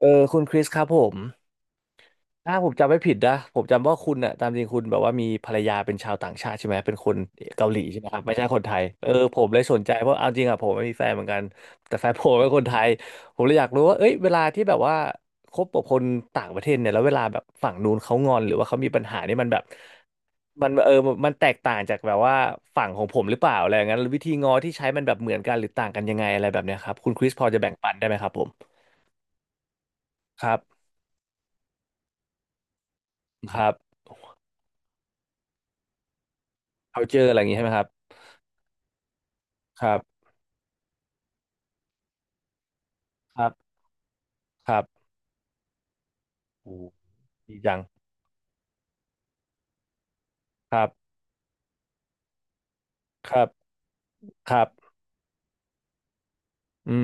เออคุณคริสครับผมถ้าผมจำไม่ผิดนะผมจำว่าคุณน่ะตามจริงคุณแบบว่ามีภรรยาเป็นชาวต่างชาติใช่ไหมเป็นคนเกาหลีใช่ไหมครับไม่ใช่คนไทยเออผมเลยสนใจเพราะเอาจริงอ่ะผมไม่มีแฟนเหมือนกันแต่แฟนผมเป็นคนไทยผมเลยอยากรู้ว่าเอ้ยเวลาที่แบบว่าคบกับคนต่างประเทศเนี่ยแล้วเวลาแบบฝั่งนู้นเขางอนหรือว่าเขามีปัญหานี่มันแบบมันมันแตกต่างจากแบบว่าฝั่งของผมหรือเปล่าอะไรอย่างนั้นวิธีงอที่ใช้มันแบบเหมือนกันหรือต่างกันยังไงอะไรแบบเนี้ยครับคุณคริสพอจะแบ่งปันได้ไหมครับผมครับครับ culture อะไรอย่างงี้ใช่ไหมครับครับครับครับโอ้ดีจัง ครับครับครับอื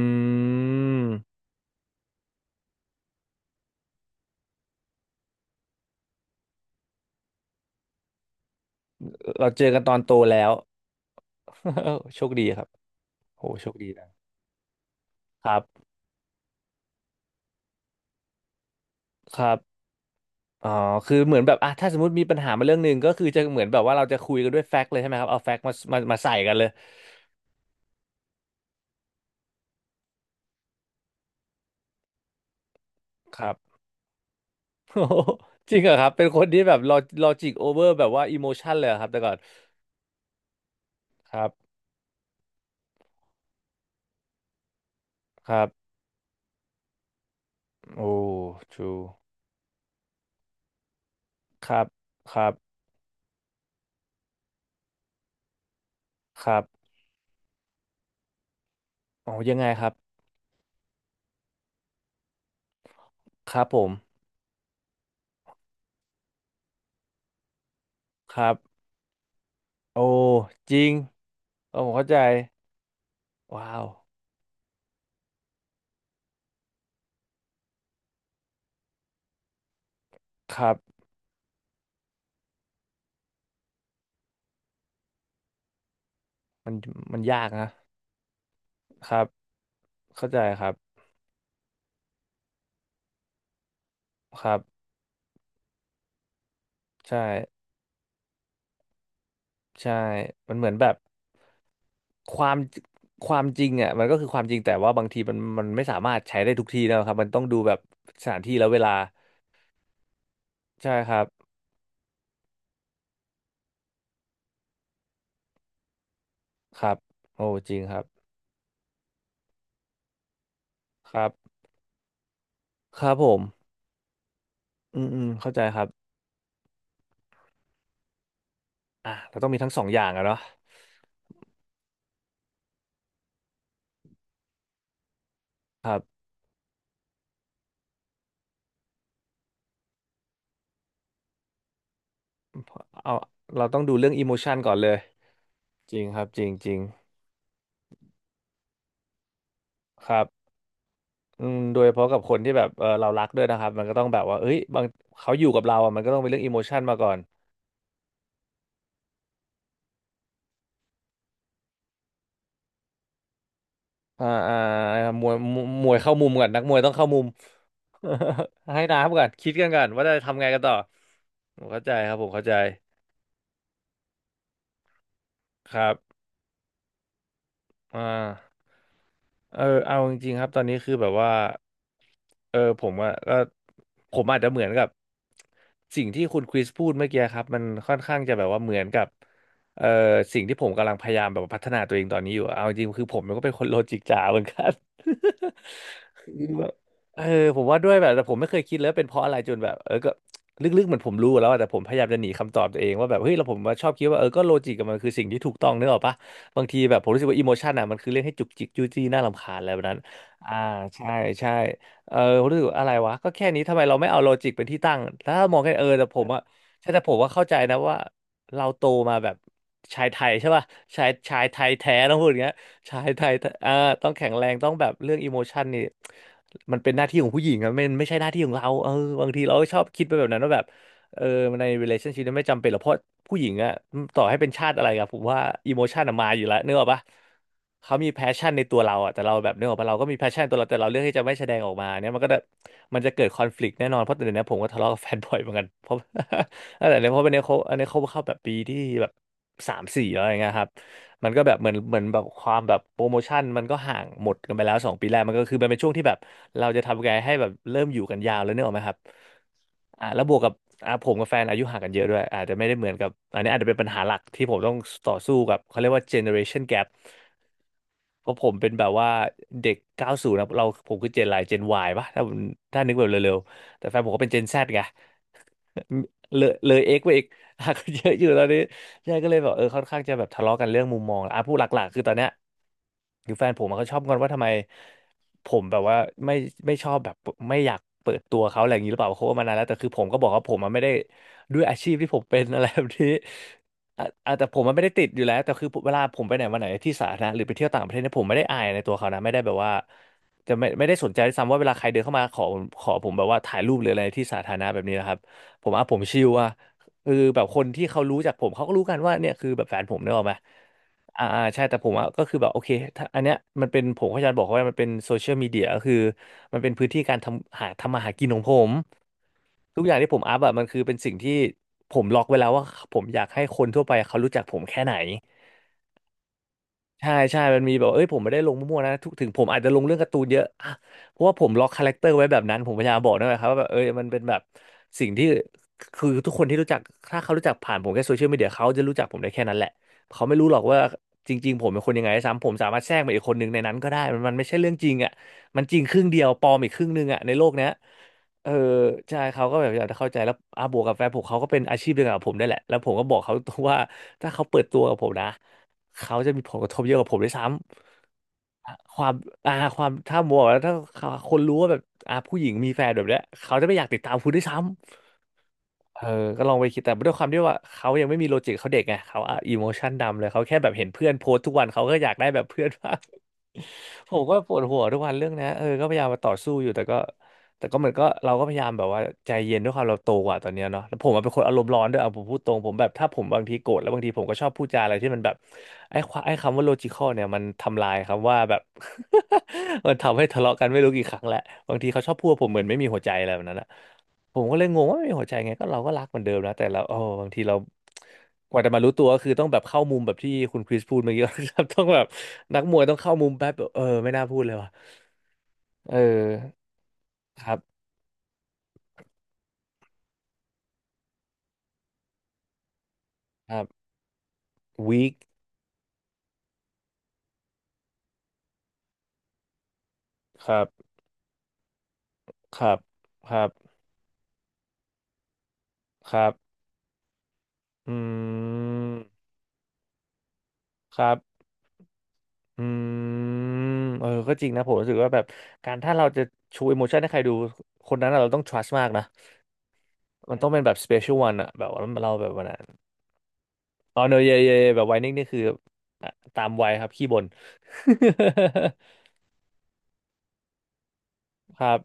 มเราเจอกันตอนโตแล้ว โชคดีครับโหโชคดีนะครับ ครับอ๋อคือเหมือนแบบอ่ะถ้าสมมติมีปัญหามาเรื่องหนึ่งก็คือจะเหมือนแบบว่าเราจะคุยกันด้วยแฟกต์เลยใช่ไหมครับ เอาแฟกต์มามาใส่กันเลย ครับ โอ้โหจริงเหรอครับเป็นคนที่แบบลอจิกโอเวอร์แบบว่าอิโมชันเลยเหรอครับแต่ก่อน ครับครับโอ้ true ครับครับครับอ๋อยังไงครับ ครับผมครับโอ้จริงผมเข้าใจว้าวครับมันมันยากนะครับเข้าใจครับครับใช่ใช่มันเหมือนแบบความจริงอ่ะมันก็คือความจริงแต่ว่าบางทีมันไม่สามารถใช้ได้ทุกที่นะครับมันต้องดูแบบสถานที่แลวเวลาใช่ครับครับโอ้จริงครับครับครับผมอืมอืมเข้าใจครับอ่ะเราต้องมีทั้งสองอย่างอะเนาะเอาเราต้องดูเรื่องอิโมชันก่อนเลยจริงครับจริงจริง ครับอืมโดยเฉพาะกับคนที่แบบเออเรารักด้วยนะครับมันก็ต้องแบบว่าเอ้ยบางเขาอยู่กับเราอ่ะมันก็ต้องเป็นเรื่องอิโมชันมาก่อนอ่าอ่ามวยมวยมวยเข้ามุมก่อนนักมวยต้องเข้ามุม ให้น้ำก่อนคิดกันก่อนว่าจะทำไงกันต่อผมเข้าใจครับผมเข้าใจครับอ่า เออเอาจริงๆครับตอนนี้คือแบบว่าเออผมอะก็ผมอาจจะเหมือนกับสิ่งที่คุณคริสพูดเมื่อกี้ครับมันค่อนข้างจะแบบว่าเหมือนกับเออสิ่งที่ผมกำลังพยายามแบบพัฒนาตัวเองตอนนี้อยู่อะเอาจริงๆคือผมมันก็เป็นคนโลจิกจ๋าเหมือนกัน คือแบบเออผมว่าด้วยแบบแต่ผมไม่เคยคิดเลยว่าเป็นเพราะอะไรจนแบบเออก็ลึกๆเหมือนผมรู้แล้วอะแต่ผมพยายามจะหนีคำตอบตัวเองว่าแบบเฮ้ยเราผมมาชอบคิดว่าเออก็โลจิกกับมันคือสิ่งที่ถูกต้องเนกอะปะบางทีแบบผมรู้สึกว่าอิโมชันอ่ะมันคือเรื่องให้จุกจิกจู้จี้น่ารำคาญอะไรแบบนั้นอ่าใช่ใช่เออผมรู้สึกว่าอะไรวะก็แค่นี้ทำไมเราไม่เอาโลจิกเป็นที่ตั้งถ้ามองแค่เออแต่ผมอะใช่แต่ผมว่าเข้าใจนะว่าเราโตมาแบบชายไทยใช่ป่ะชายไทยแท้ต้องพูดอย่างเงี้ย ใชายไทยอ่าต้องแข็งแรงต้องแบบเรื่องอิโมชันนี่มันเป็นหน้าที่ของผู้หญิงอะมันไม่ใช่หน้าที่ของเราเออบางทีเราก็ชอบคิดไปแบบนั้นว่าแบบเออใน relationship นั้นไม่จำเป็นหรอกเพราะผู้หญิงอะต่อให้เป็นชาติอะไรกับผมว่าอิโมชันอะมาอยู่แล้วนึกออกปะเขามี passion ในตัวเราอะแต่เราแบบนึกออกปะเราก็มี passion ตัวเราแต่เราเลือกที่จะไม่แสดงออกมาเนี่ยมันจะเกิด conflict แน่นอนเพราะแต่เดี๋ยวนี้ผมก็ทะเลาะกับ แฟนบ่อยเหมือนกันเพราะ แต่เนี่ยเพราะเป็นเนี่ยเขาอันนี้เขาเข้าแบบปีที่แบบสามสี่แล้วอะไรเงี้ยครับ มันก็แบบเหมือนแบบความแบบโปรโมชั่นมันก็ห่างหมดกันไปแล้วสองปีแรกมันก็คือมันเป็นช่วงที่แบบเราจะทำไงให้แบบเริ่มอยู่กันยาวแล้วเนี่ยหรอกไหมครับอ่าแล้วบวกกับอ่าผมกับแฟนอายุห่างกันเยอะด้วยอาจจะไม่ได้เหมือนกับอันนี้อาจจะเป็นปัญหาหลักที่ผมต้องต่อสู้กับเขาเรียกว่า generation gap เพราะผมเป็นแบบว่าเด็ก90นะเราผมคือเจนอะไรเจน Y ป่ะถ้าผมถ้านึกแบบเร็วๆแต่แฟนผมก็เป็นเจน Z ไง เลยเลยเอ็กไปอีก หากนเยอะอยู่ตอนนี้ใช่ก็เลยแบบเออค่อนข้างจะแบบทะเลาะกันเรื่องมุมมองอ่ะพูดหลักๆคือตอนเนี้ยคือแฟนผมมันก็ชอบงอนว่าทำไมผมแบบว่าไม่ไม่ชอบแบบไม่อยากเปิดตัวเขาอะไรอย่างนี้หรือเปล่าเขาก็มานานแล้วแต่คือผมก็บอกว่าผมมันไม่ได้ด้วยอาชีพที่ผมเป็นอะไรแบบนี้อ่ะอ่ะแต่ผมมันไม่ได้ติดอยู่แล้วแต่คือเวลาผมไปไหนมาไหนที่สาธารณะหรือไปเที่ยวต่างประเทศเนี่ยผมไม่ได้อายในตัวเขานะไม่ได้แบบว่า จะไม่ได้สนใจด้วยซ้ำว่าเวลาใครเดินเข้ามาขอผมแบบว่าถ่ายรูปหรืออะไรที่สาธารณะแบบนี้นะครับผมอ่ะผมชิลอ่ะคือแบบคนที่เขารู้จักผมเขาก็รู้กันว่าเนี่ยคือแบบแฟนผมเนี่ยหรอกไหมอ่าใช่แต่ผมอ่ะก็คือแบบโอเคถ้าอันเนี้ยมันเป็นผมก็จะบอกว่ามันเป็นโซเชียลมีเดียก็คือมันเป็นพื้นที่การทำหาทำมาหากินของผมทุกอย่างที่ผมอัพอ่ะมันคือเป็นสิ่งที่ผมล็อกไว้แล้วว่าผมอยากให้คนทั่วไปเขารู้จักผมแค่ไหน ใช่ใช่ มันมีแบบว่าเอ้ยผมไม่ได้ลงมั่วๆนะทุกถึงผมอาจจะลงเรื่องการ์ตูนเยอะอ่ะเพราะว่าผมล็อกคาแรคเตอร์ไว้แบบนั้นผมพยายามบอกนนแหละครับว่าแบบเอ้ยมันเป็นแบบสิ่งที่คือทุกคนที่รู้จักถ้าเขารู้จักผ่านผมแค่โซเชียลมีเดียเขาจะรู้จักผมได้แค่นั้นแหละเขาไม่รู้หรอกว่าจริงๆผมเป็นคนยังไงด้วยซ้ำผมสามารถแทรกมาอีกคนหนึ่งในนั้นก็ได้มันไม่ใช่เรื่องจริงอ่ะมันจริงครึ่งเดียวปลอมอีกครึ่งหนึ่งอ่ะในโลกเนี้ยเออใช่เขาก็แบบอยากจะเข้าใจแล้วบวกกับแฟนผมเขาก็เป็นอาชีพเดียวกับผมได้แหละแล้วผมก็บอกเขาตรงว่าถ้าเขาเปิดตัวกับผมนะ เขาจะมีผลกระทบเยอะกว่าผมด้วยซ้ำ ความความถ้ามัวแล้วถ้าคนรู้ว่าแบบผู้หญิงมีแฟนแบบเนี้ยเขาจะไม่อยากติดตามคุณด้วยซ้ำ เออ ก็ลองไปคิดแต่ด้วยความที่ว่าเขายังไม่มีโลจิกเขาเด็กไงเขาอ่ะอิโมชันดำเลยเขาแค่แบบเห็นเพื่อนโพสต์ทุกวันเขาก็อยากได้แบบเพื่อนบ้าง ผมก็ปวดหัวทุกวันเรื่องนะเออก็พยายามมาต่อสู้อยู่แต่ก็เหมือนก็เราก็พยายามแบบว่าใจเย็นด้วยความเราโตกว่าตอนเนี้ยเนาะแล้วผมอะเป็นคนอารมณ์ร้อนด้วยเอาผมพูดตรงผมแบบถ้าผมบางทีโกรธแล้วบางทีผมก็ชอบพูดจาอะไรที่มันแบบไอ้คำว่า logical เนี่ยมันทำลายคำว่าแบบ มันทำให้ทะเลาะกันไม่รู้กี่ครั้งแหละบางทีเขาชอบพูดว่าผมเหมือนไม่มีหัวใจอะไรแบบนั้นอะผมก็เลยงงว่าไม่มีหัวใจไงก็เราก็รักเหมือนเดิมนะแต่เราโอ้บางทีเรากว่าจะมารู้ตัวก็คือต้องแบบเข้ามุมแบบที่คุณคริสพูดเมื่อกี้ ครับต้องแบบ นักมวยต้องเข้ามุมแป๊บแบบเออไม่น่าพูดเลยว่ะเออครับครับวีคครับครับครับครับอืมครับอืมเออก็จริงนะผมรู้สึกว่าแบบการถ้าเราจะชู emotion ให้ใครดูคนนั้นอะเราต้อง trust มากนะมันต้องเป็นแบบ special one อะแบบว่าเราแบบวันนั้นอ๋อเนอะเย่เย่แบบไวนิ่งนี่คืออ่ะตามวัยครับขี้บ่น ครับ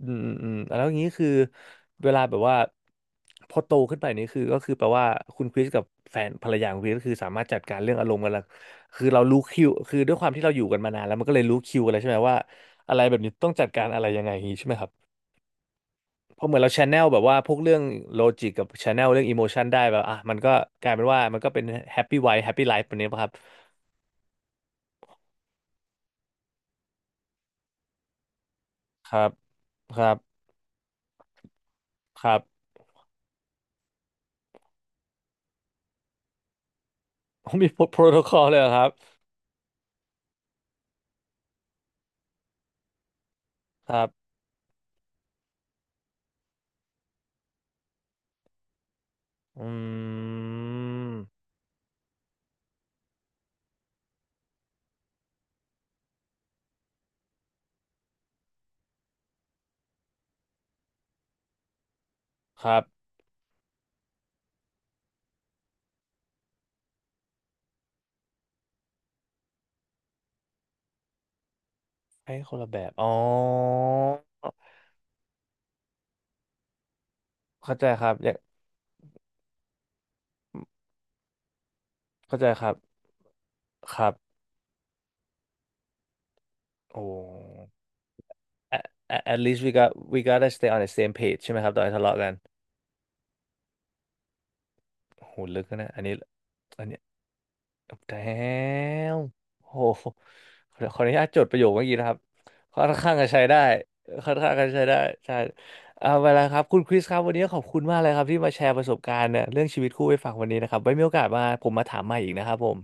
อืมอืมอืมแล้วอย่างนี้คือเวลาแบบว่าพอโตขึ้นไปนี่คือก็คือแปลว่าคุณคริสกับแฟนภรรยาของคริสก็คือสามารถจัดการเรื่องอารมณ์กันละคือเรารู้คิวคือด้วยความที่เราอยู่กันมานานแล้วมันก็เลยรู้คิวอะไรใช่ไหมว่าอะไรแบบนี้ต้องจัดการอะไรยังไงอย่างนี้ใช่ไหมครับเพราะเหมือนเราแชนแนลแบบว่าพวกเรื่องโลจิกกับแชนแนลเรื่องอิโมชันได้แบบอ่ะมันก็กลายเป็นว่ามันก็เป็นแฮปปี้ไวท์แฮปปี้ไลฟ์แบบนี้ป่ะครับครับครับครับ มีโปรโตคอลเลยเหรอครับครับอืมครับ ให้คนละแบบ อ๋อเข้าใจครับอยากเข้าใจครับ ครับโอ้ at, at least we gotta stay on the same page ใช่ไหมครับตอนที่ทะเลาะกันโหลึกนะเนี่ยอันนี้ อันเนี้ยแต้มโหขขออนุญาตจดประโยคเมื่อกี้นะครับค่อนข้างจะใช้ได้ค่อนข้างจะใช้ได้ใช่เอาไปแล้วครับ คุณคริสครับ วันนี้ขอบคุณมากเลยครับที่มาแชร์ประสบการณ์เนี่ยเรื่องชีวิตคู่ให้ฟังวันนี้นะครับไว้มีโอกาสมาผมมาถามใหม่อีกนะครับผม